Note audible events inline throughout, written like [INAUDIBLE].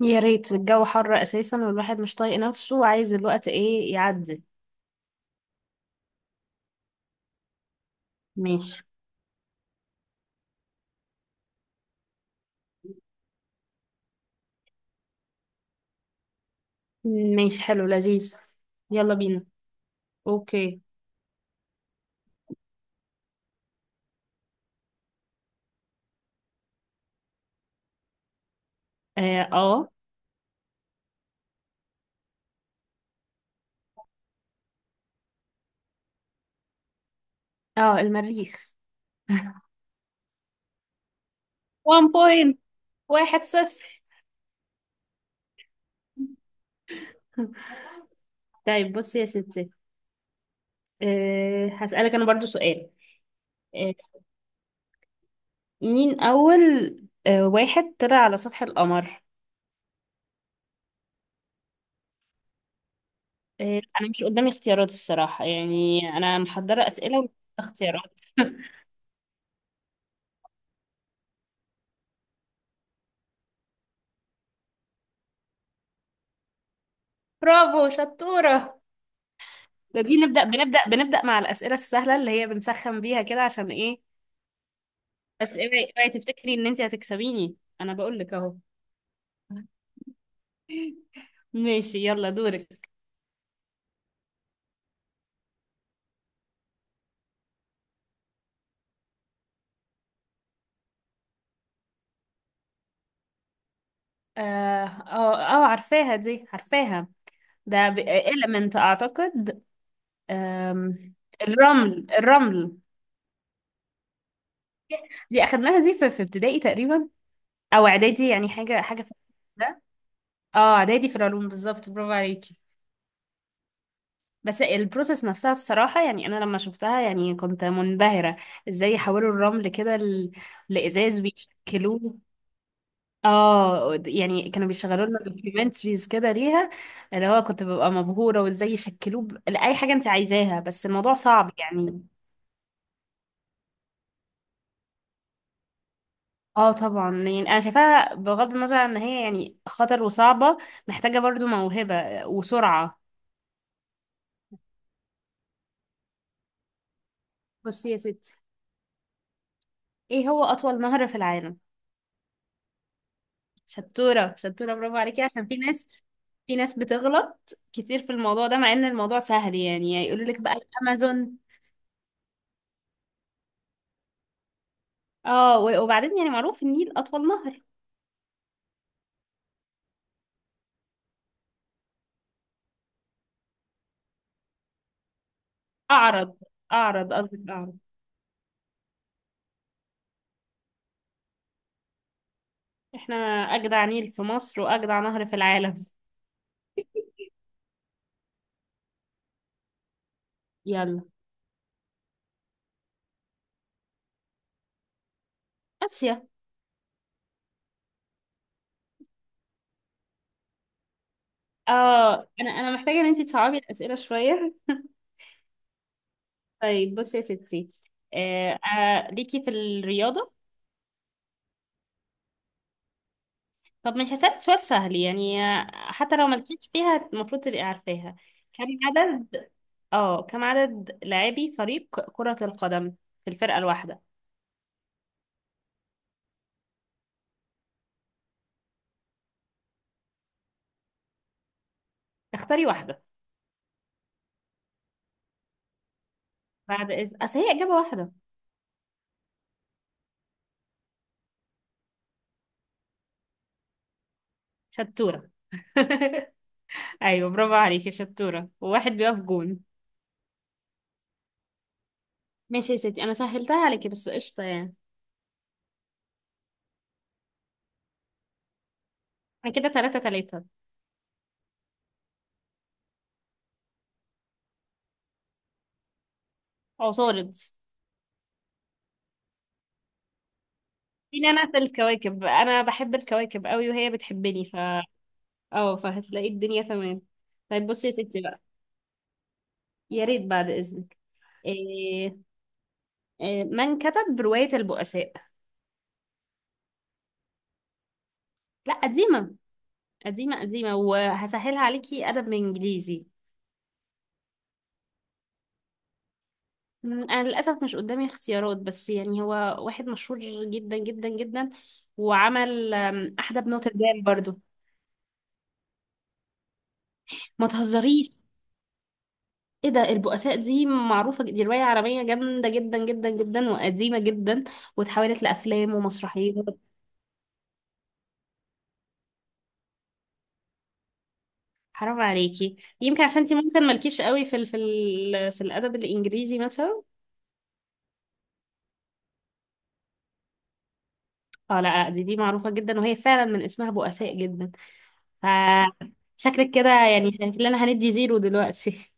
يا ريت الجو حر اساسا والواحد مش طايق نفسه وعايز الوقت ايه يعدي. ماشي. ماشي حلو لذيذ. يلا بينا. اوكي. اه. آه. اه المريخ. 1 بوينت. واحد صفر. [LAUGHS] طيب بصي يا ستي. أه هسألك انا برضو سؤال. أه مين اول أه واحد طلع على سطح القمر؟ أه انا مش قدامي اختيارات الصراحة، يعني انا محضرة اسئلة واختيارات. [LAUGHS] برافو شطورة. ده دي نبدأ بنبدأ مع الأسئلة السهلة اللي هي بنسخن بيها كده عشان ايه. بس اوعي تفتكري ان انت هتكسبيني، انا بقول لك اهو. [LAUGHS] ماشي يلا دورك. اه اه آه، عارفاها دي. ده إليمنت اعتقد. آم، الرمل الرمل. دي اخدناها دي في ابتدائي تقريبا، او اعدادي، يعني حاجة في ده. اه اعدادي في العلوم بالظبط، برافو عليكي. بس البروسيس نفسها الصراحة، يعني أنا لما شفتها يعني كنت منبهرة. ازاي يحولوا الرمل كده لإزاز ويشكلوه. اه يعني كانوا بيشغلوا لنا دوكيومنتريز كده ليها. اللي هو كنت ببقى مبهورة، وازاي يشكلوه لأي حاجة انت عايزاها، بس الموضوع صعب يعني. اه طبعا، يعني انا شايفاها بغض النظر عن ان هي يعني خطر وصعبة، محتاجة برضو موهبة وسرعة. بصي يا ستي، ايه هو أطول نهر في العالم؟ شطورة شطورة برافو عليكي، عشان في ناس. في ناس بتغلط كتير في الموضوع ده، مع ان الموضوع سهل يعني، يقول لك بقى الامازون. اه وبعدين يعني معروف النيل اطول نهر. اعرض. اعرض قصدك اعرض. احنا اجدع نيل في مصر واجدع نهر في العالم. يلا. اسيا. اه انا محتاجة ان انتي تصعبي الاسئلة شوية. [LAUGHS] طيب بصي يا ستي. آه آه ليكي في الرياضة. طب مش هسألك سؤال سهل يعني، حتى لو ملكيش فيها المفروض تبقي عارفاها. كم عدد اه كم عدد لاعبي فريق كرة القدم في الفرقة الواحدة؟ اختاري واحدة. بعد إذن، أصل هي إجابة واحدة. شطورة. [LAUGHS] أيوة برافو عليكي شطورة، وواحد بيقف جون. ماشي يا ستي، أنا سهلتها عليكي بس، قشطة يعني. أنا كده تلاتة تلاتة. عطارد. مين أنا في الكواكب، أنا بحب الكواكب قوي وهي بتحبني ف اه فهتلاقي الدنيا تمام. طيب بصي يا ستي بقى. يا ريت بعد إذنك. إيه إيه من كتب رواية البؤساء؟ لا قديمة. قديمة وهسهلها عليكي، أدب من إنجليزي. أنا للأسف مش قدامي اختيارات، بس يعني هو واحد مشهور جدا جدا جدا، وعمل أحدب نوتردام برضو. ما تهزريش. ايه ده، البؤساء دي معروفة، دي رواية عالمية جامدة جدا جدا جدا وقديمة جدا، واتحولت لأفلام ومسرحيات. حرام عليكي، يمكن عشان انتي ممكن مالكيش قوي في الأدب الإنجليزي مثلا. اه لا لا، دي معروفة جدا، وهي فعلا من اسمها بؤساء جدا. ف شكلك كده يعني شايف لنا هندي زيرو دلوقتي.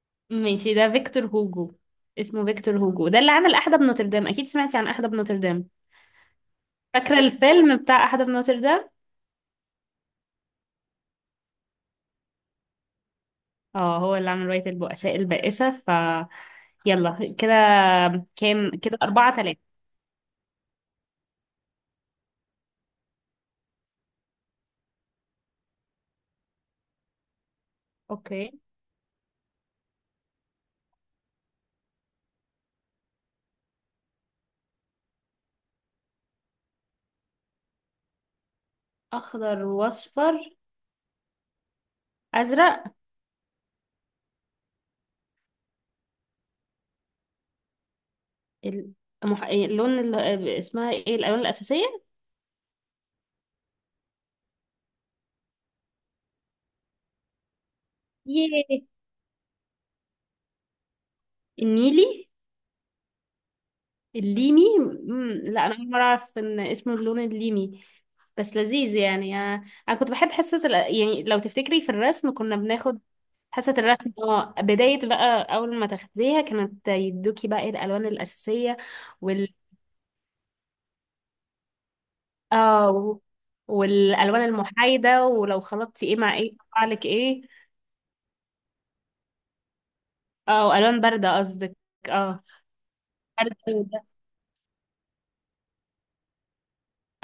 [LAUGHS] ماشي، ده فيكتور هوجو. اسمه فيكتور هوجو، ده اللي عمل أحدب نوتردام، أكيد سمعتي عن أحدب نوتردام. فاكرة الفيلم بتاع أحدب نوتردام. اه هو اللي عمل رواية البؤساء البائسة ف يلا كده. كام كده، أربعة تلاتة. اوكي. أخضر وأصفر. أزرق. ال- المح... اللون اللي اسمها ايه، الألوان الأساسية. ياه. النيلي. الليمي. مم. لا انا اول مره اعرف ان اسمه اللون الليمي. بس لذيذ يعني انا، انا كنت بحب حصه ال... يعني لو تفتكري في الرسم كنا بناخد حصه الرسم. اه بدايه بقى، اول ما تاخديها كانت يدوكي بقى إيه الالوان الاساسيه وال اه والالوان المحايده، ولو خلطتي ايه مع ايه يطلع لك ايه. اه والوان بارده قصدك. اه بارده وده.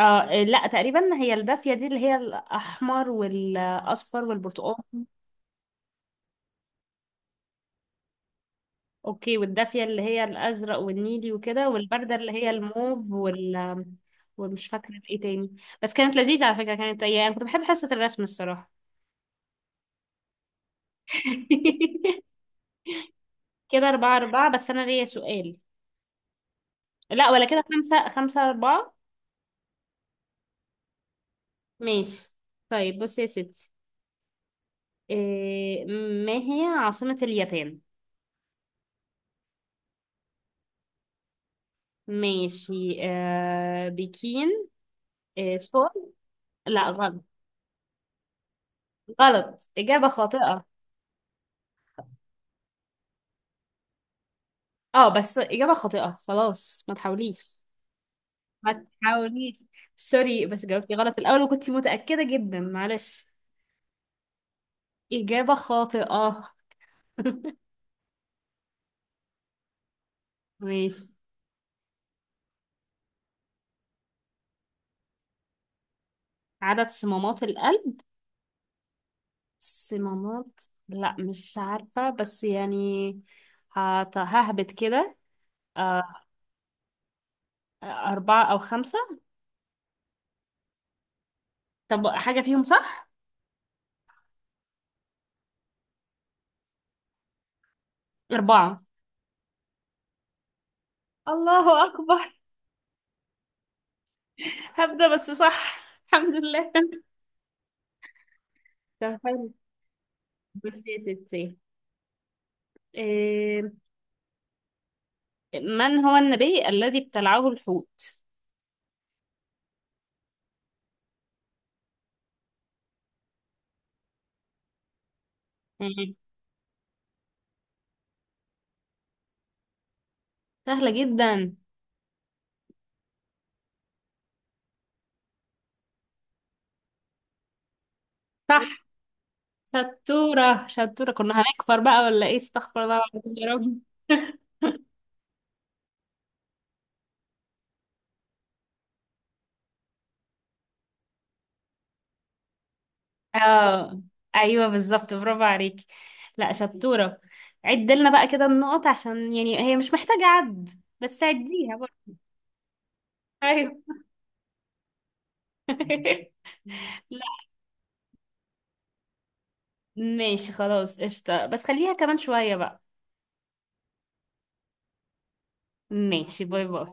اه لا تقريبا، هي الدافيه دي اللي هي الاحمر والاصفر والبرتقال. اوكي، والدافية اللي هي الازرق والنيلي وكده، والبردة اللي هي الموف وال ومش فاكرة ايه تاني. بس كانت لذيذة على فكرة، كانت يعني كنت بحب حصة الرسم الصراحة. [LAUGHS] كده أربعة أربعة، بس أنا ليا سؤال. لا ولا كده، خمسة خمسة أربعة. ماشي. طيب بصي يا ستي. إيه، ما هي عاصمة اليابان؟ ماشي. آه بكين. إيه سول. لا غلط. غلط، إجابة خاطئة. اه بس إجابة خاطئة خلاص، ما تحاوليش. ما تحاوليش. سوري بس جاوبتي غلط الأول وكنتي متأكدة جدا، معلش. إجابة خاطئة. [LAUGHS] ماشي. عدد صمامات القلب. صمامات. لا مش عارفة، بس يعني ههبط كده. آه، أربعة أو خمسة. طب حاجة فيهم صح؟ أربعة. الله أكبر. هبدأ بس صح. [LAUGHS] الحمد لله. طب حلو. بس يا ستي، آه، من هو النبي الذي ابتلعه الحوت؟ سهلة جدا. صح. شطورة شطورة، كنا هنكفر بقى ولا ايه، استغفر الله العظيم يا رب. [LAUGHS] اه ايوه بالظبط، برافو عليكي. لا شطورة. عد لنا بقى كده النقط، عشان يعني هي مش محتاجة عد، بس عديها برضه. ايوه. [LAUGHS] لا ماشي خلاص قشطة، بس خليها كمان شوية بقى. ماشي. باي باي.